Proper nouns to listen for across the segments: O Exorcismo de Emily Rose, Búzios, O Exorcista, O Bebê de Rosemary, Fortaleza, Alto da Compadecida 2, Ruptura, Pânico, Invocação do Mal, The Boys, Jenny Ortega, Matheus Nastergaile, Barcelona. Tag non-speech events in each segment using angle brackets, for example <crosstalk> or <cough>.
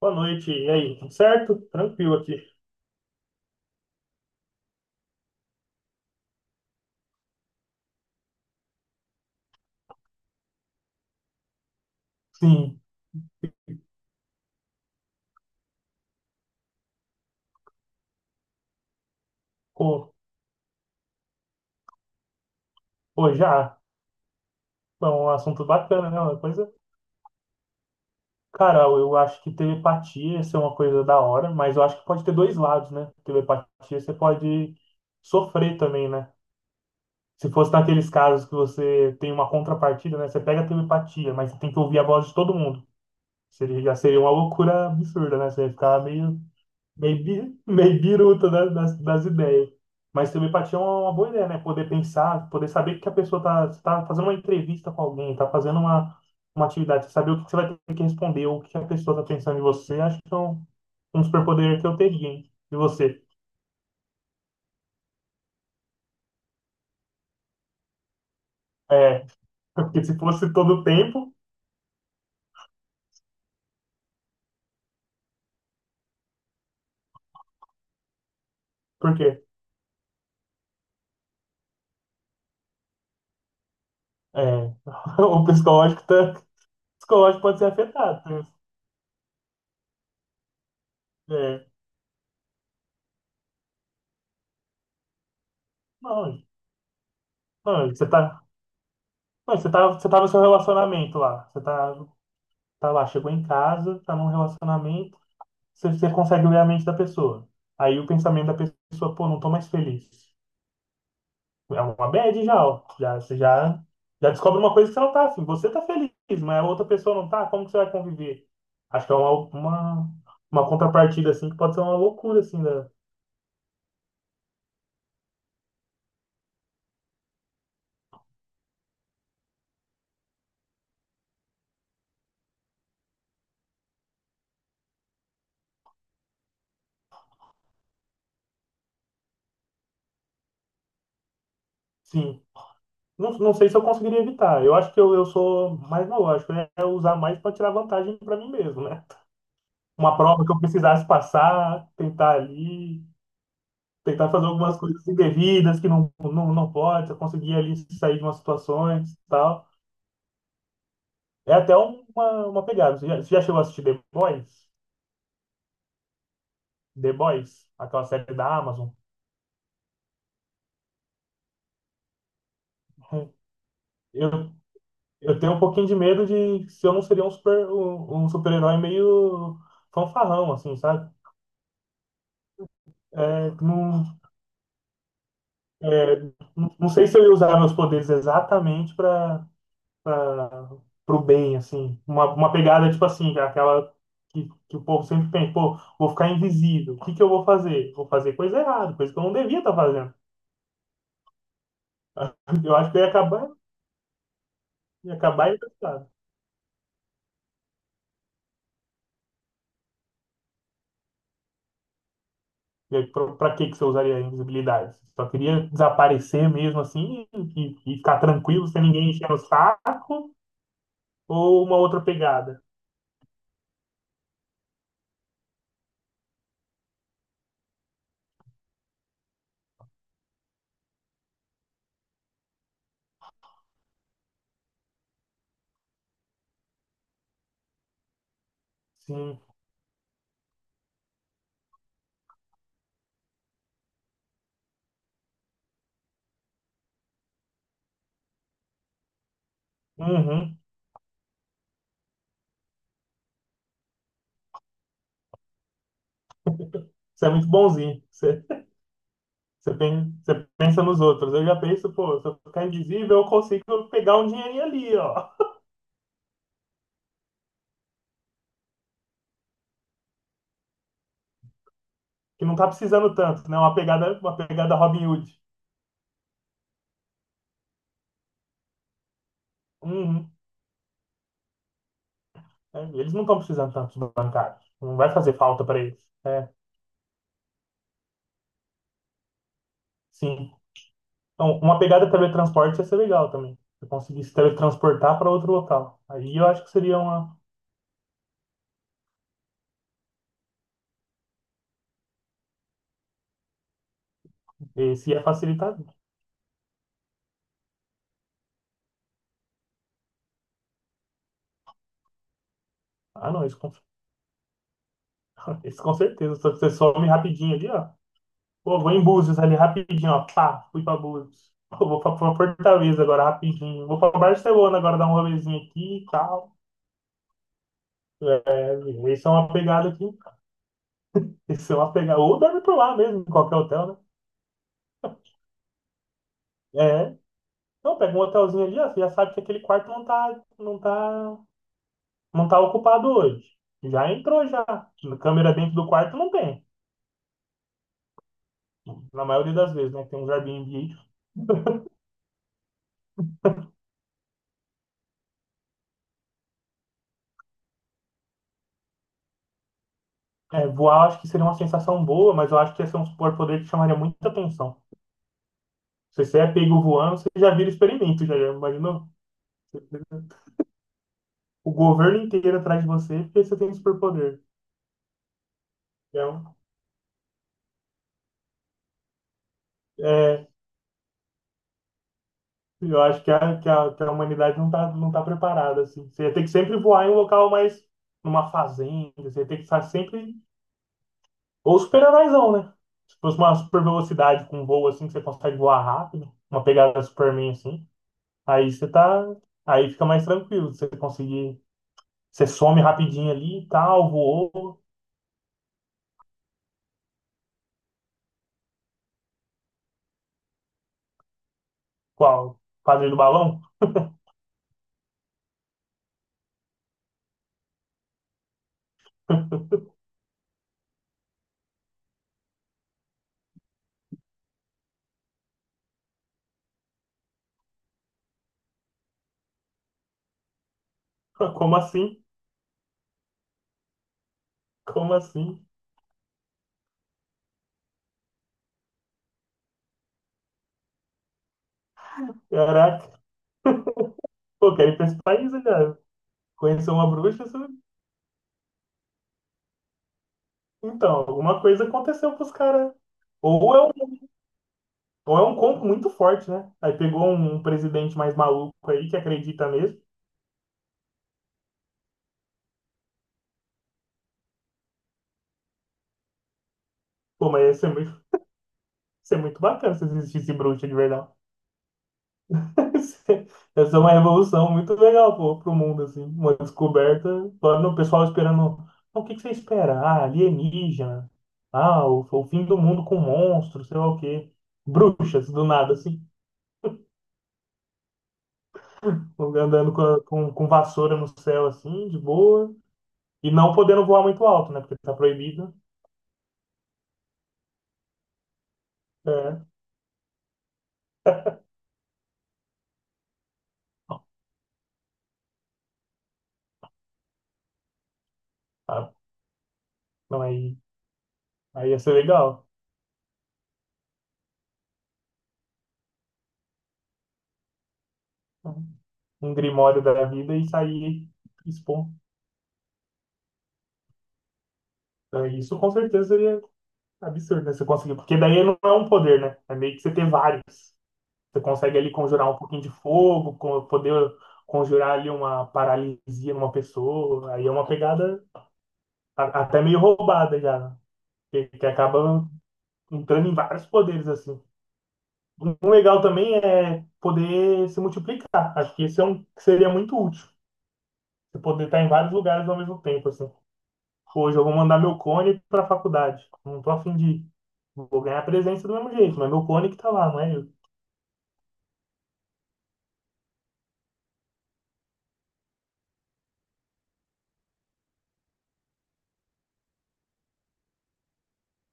Boa noite. E aí, tudo certo? Tranquilo aqui. Sim. Pô, pô, já. Bom, um assunto bacana, né? Uma coisa. Cara, eu acho que telepatia isso é uma coisa da hora, mas eu acho que pode ter dois lados, né? Telepatia você pode sofrer também, né? Se fosse naqueles casos que você tem uma contrapartida, né? Você pega a telepatia, mas você tem que ouvir a voz de todo mundo. Já seria uma loucura absurda, né? Você ia ficar meio, <laughs> meio biruta das ideias. Mas telepatia é uma boa ideia, né? Poder pensar, poder saber que a pessoa tá fazendo uma entrevista com alguém, tá fazendo uma atividade, saber o que você vai ter que responder, o que a pessoa tá pensando em você, acho que é um superpoder que eu teria, hein? E você? É, <laughs> porque se fosse todo o tempo, por quê? É, <laughs> o psicológico pode ser afetado, né? É, não, não, você tá, não, você tá, você tá no seu relacionamento lá, você tá lá, chegou em casa, tá num relacionamento, você consegue ler a mente da pessoa. Aí o pensamento da pessoa, pô, não tô mais feliz. É uma bad já, ó. Já, descobre uma coisa que você não tá afim. Você tá feliz, mas a outra pessoa não tá, como que você vai conviver? Acho que é uma contrapartida, assim, que pode ser uma loucura, assim. Sim. Não, não sei se eu conseguiria evitar. Eu acho que eu sou mais lógico, né? É usar mais para tirar vantagem para mim mesmo, né? Uma prova que eu precisasse passar, tentar ali, tentar fazer algumas coisas indevidas que não pode, você conseguir ali sair de umas situações e tal. É até uma pegada. Você já chegou a assistir The Boys? The Boys, aquela série da Amazon. <laughs> Eu, eu tenho um pouquinho de medo de se eu não seria um super-herói meio fanfarrão, assim, sabe? É, não, é, não, sei se eu ia usar meus poderes exatamente para para pro bem, assim. Uma pegada, tipo assim, aquela que o povo sempre pensa, pô, vou ficar invisível. O que que eu vou fazer? Vou fazer coisa errada, coisa que eu não devia estar fazendo. <laughs> Eu acho que eu ia acabar infectado. E aí, pra que que você usaria a invisibilidade? Você só queria desaparecer mesmo assim e ficar tranquilo sem ninguém encher o saco ou uma outra pegada? Sim. Uhum. Você é muito bonzinho. Você pensa nos outros. Eu já penso, pô, se eu ficar invisível, eu consigo pegar um dinheirinho ali, ó. Que não tá precisando tanto, né? Uma pegada Robin Hood. Uhum. É, eles não estão precisando tanto de bancários. Não vai fazer falta para eles. É, sim. Então, uma pegada teletransporte ia ser legal também. Se eu conseguisse teletransportar para outro local. Aí eu acho que seria uma. Esse ia facilitar. Ah, não, <laughs> esse com certeza. Só que você some rapidinho ali, ó. Pô, vou em Búzios ali rapidinho, ó. Pá, fui pra Búzios. Pô, vou pra Fortaleza agora rapidinho. Vou pra Barcelona agora dar um rolezinho aqui e tal. É, isso é uma pegada aqui. Isso é uma pegada. Ou dorme por lá mesmo, em qualquer hotel, né? É. Então, pega um hotelzinho ali, ó. Você já sabe que aquele quarto não tá ocupado hoje. Já entrou já. Câmera dentro do quarto não tem. Na maioria das vezes, né? Tem uns Airbnb. É, voar, acho que seria uma sensação boa, mas eu acho que ia ser um superpoder que chamaria muita atenção. Se você é pego voando, você já vira experimento, já, já imaginou? O governo inteiro atrás de você porque você tem superpoder. Então, é, eu acho que a, humanidade não tá preparada, assim. Você ia ter que sempre voar em um local mais... Numa fazenda, você ia ter que estar sempre... Ou super-heróizão, né? Se fosse uma super velocidade com um voo, assim, que você consegue voar rápido, uma pegada Superman, assim, aí você tá... Aí fica mais tranquilo, você conseguir... Você some rapidinho ali e tal, voou... Qual? Quadrilho do balão? <laughs> Como assim? Como assim? Caraca. Pô, quero ir pra esse país, né, cara. Conhecer uma bruxa, então, alguma coisa aconteceu pros caras. Ou é um, ou é um combo muito forte, né? Aí pegou um presidente mais maluco aí que acredita mesmo. Pô, mas ia ser muito bacana se existisse bruxa de verdade. <laughs> Essa é uma revolução muito legal pro mundo, assim. Uma descoberta. Agora o pessoal esperando. "Ah, o que que você espera? Ah, alienígena. Ah, o fim do mundo com monstros, sei lá o quê. Bruxas, do nada, assim. Andando com vassoura no céu, assim, de boa. E não podendo voar muito alto, né? Porque tá proibido. É. Ah, não, aí ia ser legal. Um grimório da vida e sair expondo. Então, isso com certeza seria absurdo, né? Você conseguir. Porque daí não é um poder, né? É meio que você ter vários. Você consegue ali conjurar um pouquinho de fogo, poder conjurar ali uma paralisia numa pessoa. Aí é uma pegada até meio roubada já, né? Que acaba entrando em vários poderes, assim. Um legal também é poder se multiplicar. Acho que esse é um que seria muito útil. Você poder estar em vários lugares ao mesmo tempo, assim. Hoje eu vou mandar meu cone para a faculdade. Não tô afim de ir. Vou ganhar a presença do mesmo jeito, mas meu cone que tá lá, não é eu.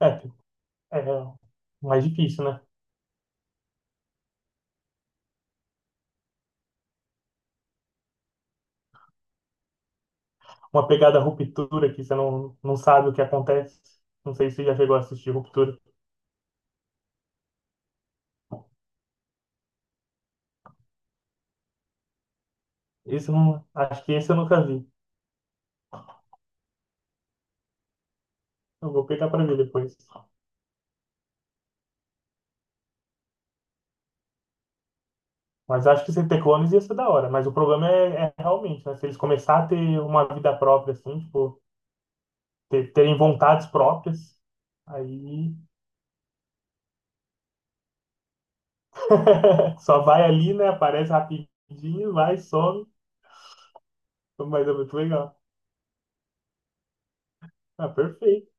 É, é, mais difícil, né? Uma pegada ruptura que você não sabe o que acontece. Não sei se você já chegou a assistir Ruptura. Esse eu não, acho que esse eu nunca vi. Eu vou pegar para ver depois. Mas acho que sem ter clones ia ser da hora. Mas o problema é realmente, né? Se eles começarem a ter uma vida própria, assim, tipo, terem vontades próprias, aí <laughs> Só vai ali, né? Aparece rapidinho, vai, some. Então, mas é muito legal. Ah, perfeito.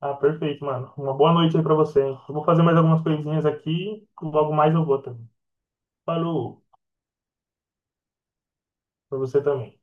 Ah, perfeito, mano. Uma boa noite aí pra você, hein? Eu vou fazer mais algumas coisinhas aqui. Logo mais eu vou também. Falou pra você também.